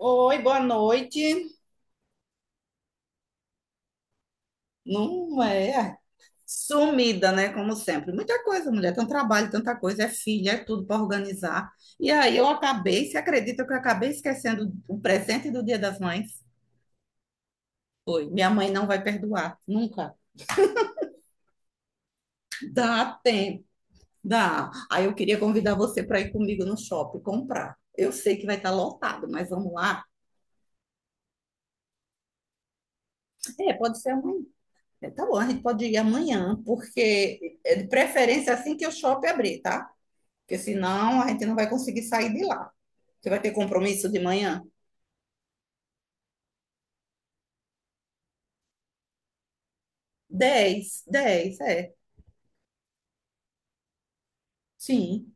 Oi, boa noite. Não é sumida, né? Como sempre. Muita coisa, mulher. Tanto trabalho, tanta coisa. É filha, é tudo para organizar. E aí eu acabei, você acredita que eu acabei esquecendo o presente do Dia das Mães? Foi. Minha mãe não vai perdoar, nunca. Dá tempo, dá. Aí eu queria convidar você para ir comigo no shopping comprar. Eu sei que vai estar lotado, mas vamos lá. É, pode ser amanhã. É, tá bom, a gente pode ir amanhã, porque é de preferência assim que o shopping abrir, tá? Porque senão a gente não vai conseguir sair de lá. Você vai ter compromisso de manhã? Dez, 10 é. Sim.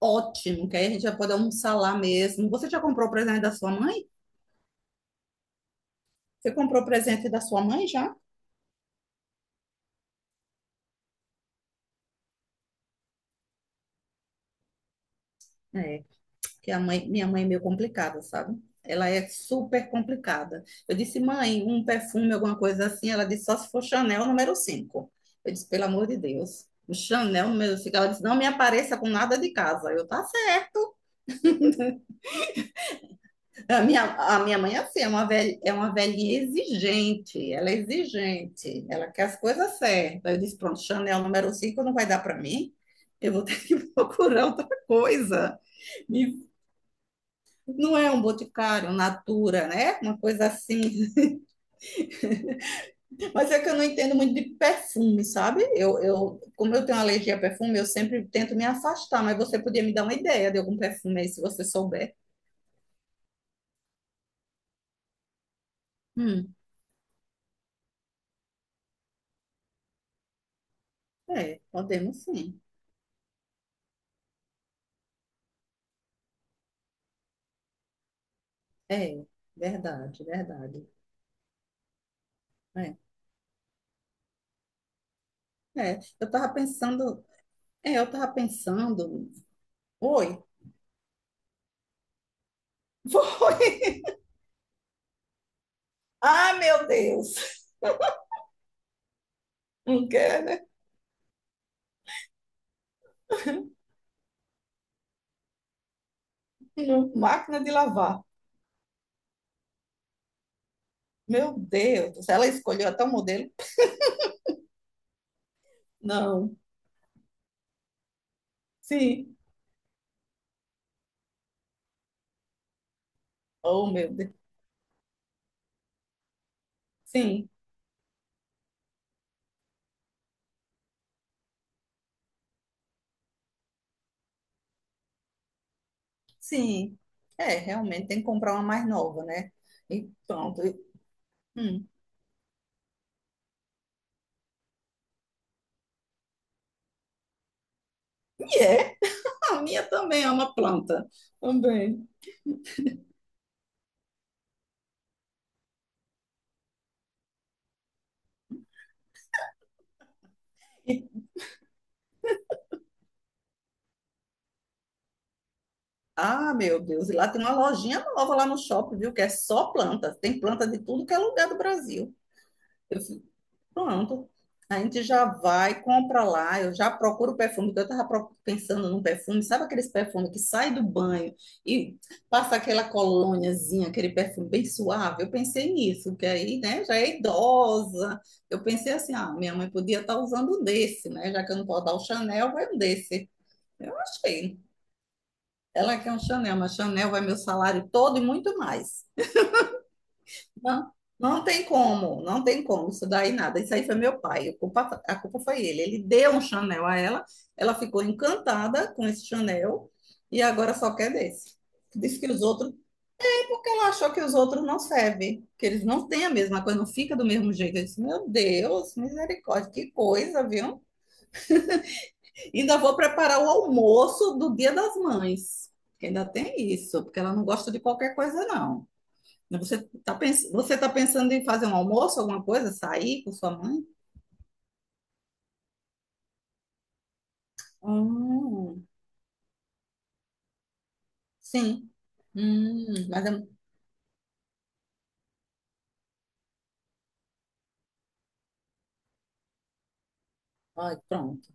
Ótimo, que aí a gente já pode almoçar lá mesmo. Você já comprou o presente da sua mãe? Você comprou o presente da sua mãe já? É, que a mãe, minha mãe é meio complicada, sabe? Ela é super complicada. Eu disse, mãe, um perfume, alguma coisa assim. Ela disse, só se for Chanel Nº 5. Eu disse, pelo amor de Deus. O Chanel Nº 5. Ela disse, não me apareça com nada de casa. Eu, tá certo. A minha mãe, é assim, é uma velha, é uma velhinha exigente, ela é exigente, ela quer as coisas certas. Eu disse, pronto, Chanel Nº 5 não vai dar para mim, eu vou ter que procurar outra coisa. Me- Não é um boticário, um Natura, né? Uma coisa assim. Mas é que eu não entendo muito de perfume, sabe? Como eu tenho alergia a perfume, eu sempre tento me afastar, mas você podia me dar uma ideia de algum perfume aí, se você souber. Hum, é, podemos sim. É, verdade, verdade. É. É, eu tava pensando, é, eu tava pensando, foi, foi. Ah, meu Deus. Não quer, né? Não. Máquina de lavar. Meu Deus, do céu, ela escolheu até o modelo? Não. Sim. Oh, meu Deus. Sim, sim. É, realmente tem que comprar uma mais nova, né? E pronto. Hum. E é, a minha também é uma planta. Também. Ah, meu Deus, e lá tem uma lojinha nova lá no shopping, viu? Que é só planta. Tem planta de tudo que é lugar do Brasil. Eu fico, pronto. A gente já vai, compra lá. Eu já procuro o perfume, porque eu estava pensando num perfume. Sabe aqueles perfumes que sai do banho e passa aquela colôniazinha, aquele perfume bem suave? Eu pensei nisso, que aí, né, já é idosa. Eu pensei assim, ah, minha mãe podia estar usando um desse, né? Já que eu não posso dar o Chanel, vai um desse. Eu achei. Ela quer um Chanel, mas Chanel vai meu salário todo e muito mais. Não, não tem como, não tem como, isso daí nada. Isso aí foi meu pai, a culpa foi ele. Ele deu um Chanel a ela, ela ficou encantada com esse Chanel e agora só quer desse. Diz que os outros, ela achou que os outros não servem, que eles não têm a mesma coisa, não fica do mesmo jeito. Eu disse, meu Deus, misericórdia, que coisa, viu? Ainda vou preparar o almoço do Dia das Mães, que ainda tem isso, porque ela não gosta de qualquer coisa, não. Né, você está pens... você tá pensando em fazer um almoço, alguma coisa, sair com sua mãe? Hum, sim. Mas é... Ai, pronto.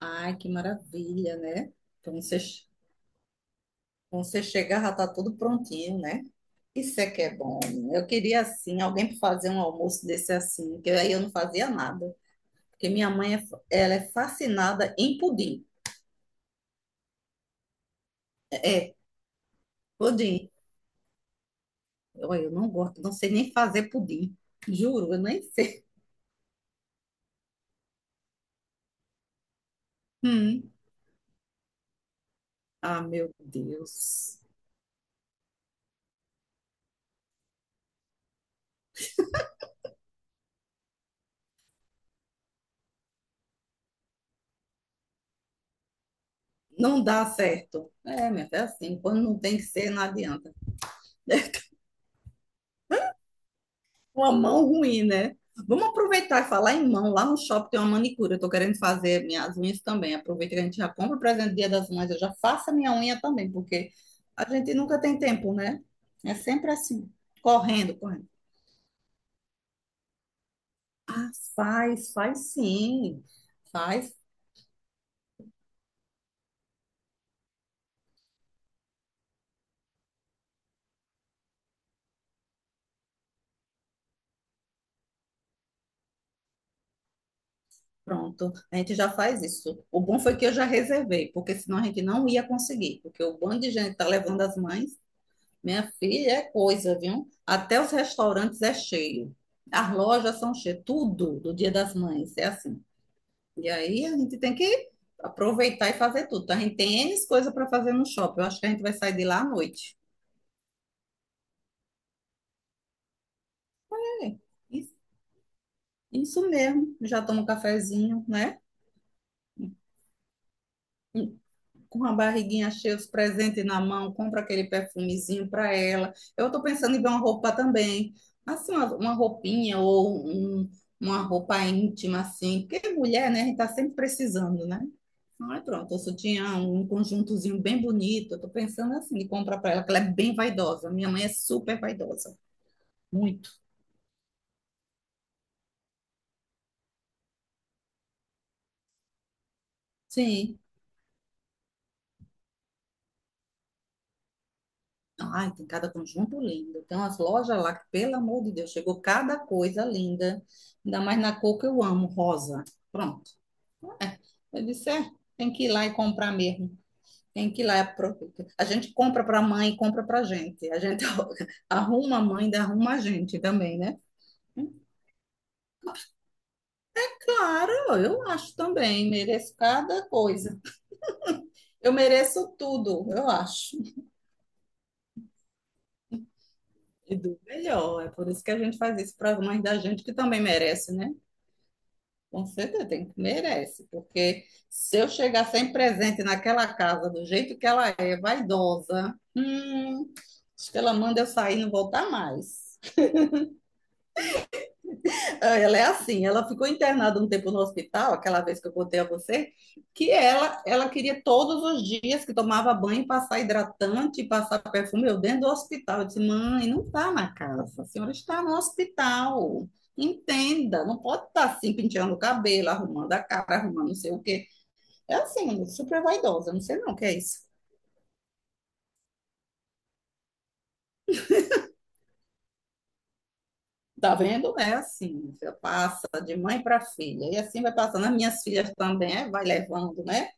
Ai, que maravilha, né? Quando você, quando você chegar, já tá tudo prontinho, né? Isso é que é bom. Né? Eu queria, assim, alguém para fazer um almoço desse assim, que aí eu não fazia nada. Porque minha mãe, é, ela é fascinada em pudim. É, é, pudim. Olha, eu não gosto, não sei nem fazer pudim. Juro, eu nem sei. Ah, meu Deus. Não dá certo. É, minha filha, é assim. Quando não tem que ser, não adianta. Uma mão ruim, né? Vamos aproveitar e falar em mão. Lá no shopping tem uma manicura. Eu tô querendo fazer minhas unhas também. Aproveita que a gente já compra o presente do Dia das Mães. Eu já faço a minha unha também, porque a gente nunca tem tempo, né? É sempre assim. Correndo, correndo. Ah, faz, faz sim. Faz, pronto, a gente já faz isso. O bom foi que eu já reservei, porque senão a gente não ia conseguir, porque o bando de gente tá levando as mães. Minha filha é coisa, viu? Até os restaurantes é cheio. As lojas são cheias, tudo do Dia das Mães é assim. E aí a gente tem que aproveitar e fazer tudo. Então, a gente tem N coisa para fazer no shopping. Eu acho que a gente vai sair de lá à noite. É, isso isso mesmo. Já toma um cafezinho, né? Com a barriguinha cheia dos presentes na mão, compra aquele perfumezinho para ela. Eu estou pensando em ver uma roupa também, assim, uma roupinha ou uma roupa íntima, assim, porque mulher, né, a gente está sempre precisando, né? Aí pronto, o sutiã, um conjuntozinho bem bonito, eu tô pensando assim, de comprar para ela, que ela é bem vaidosa, minha mãe é super vaidosa, muito. Sim. Ai, tem cada conjunto lindo. Tem umas lojas lá que, pelo amor de Deus, chegou cada coisa linda. Ainda mais na cor que eu amo, rosa. Pronto. Eu disse, é, tem que ir lá e comprar mesmo. Tem que ir lá e aproveitar. A gente compra para a mãe, e compra para a gente. A gente arruma a mãe, e ainda arruma a gente também, né? Claro, eu acho também. Mereço cada coisa. Eu mereço tudo, eu acho. E do melhor. É por isso que a gente faz isso para as mães da gente que também merece, né? Com certeza, tem, que merece, porque se eu chegar sem presente naquela casa, do jeito que ela é, vaidosa, acho que ela manda eu sair e não voltar mais. Ah, ela é assim, ela ficou internada um tempo no hospital, aquela vez que eu contei a você, que ela queria todos os dias que tomava banho passar hidratante, passar perfume, eu dentro do hospital. Eu disse, mãe, não está na casa, a senhora está no hospital. Entenda, não pode estar assim penteando o cabelo, arrumando a cara, arrumando não sei o quê. É assim, super vaidosa, não sei não o que é isso. Tá vendo? É assim, você passa de mãe para filha, e assim vai passando. As minhas filhas também, é, vai levando, né?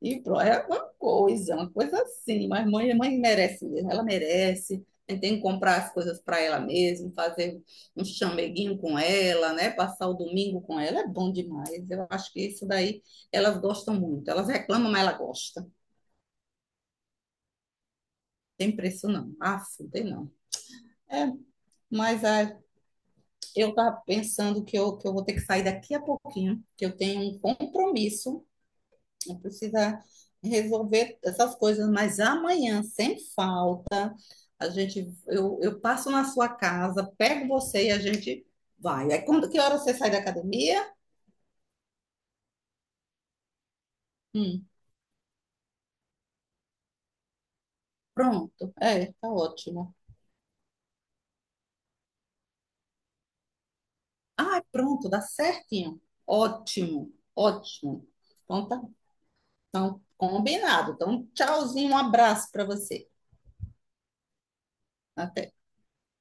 E pronto, é uma coisa assim, mas mãe, mãe merece mesmo, ela merece. A gente tem que comprar as coisas para ela mesmo, fazer um chameguinho com ela, né? Passar o domingo com ela, é bom demais. Eu acho que isso daí elas gostam muito. Elas reclamam, mas ela gosta. Tem preço não. Ah, não tem não. É, mas a... Eu estava pensando que eu vou ter que sair daqui a pouquinho, que eu tenho um compromisso, eu preciso resolver essas coisas, mas amanhã, sem falta, a gente, eu passo na sua casa, pego você e a gente vai. Aí quando que hora você sai da academia? Hum, pronto. É, tá ótimo. Ah, é pronto, dá certinho. Ótimo, ótimo. Então tá, então, combinado. Então, tchauzinho, um abraço para você. Até.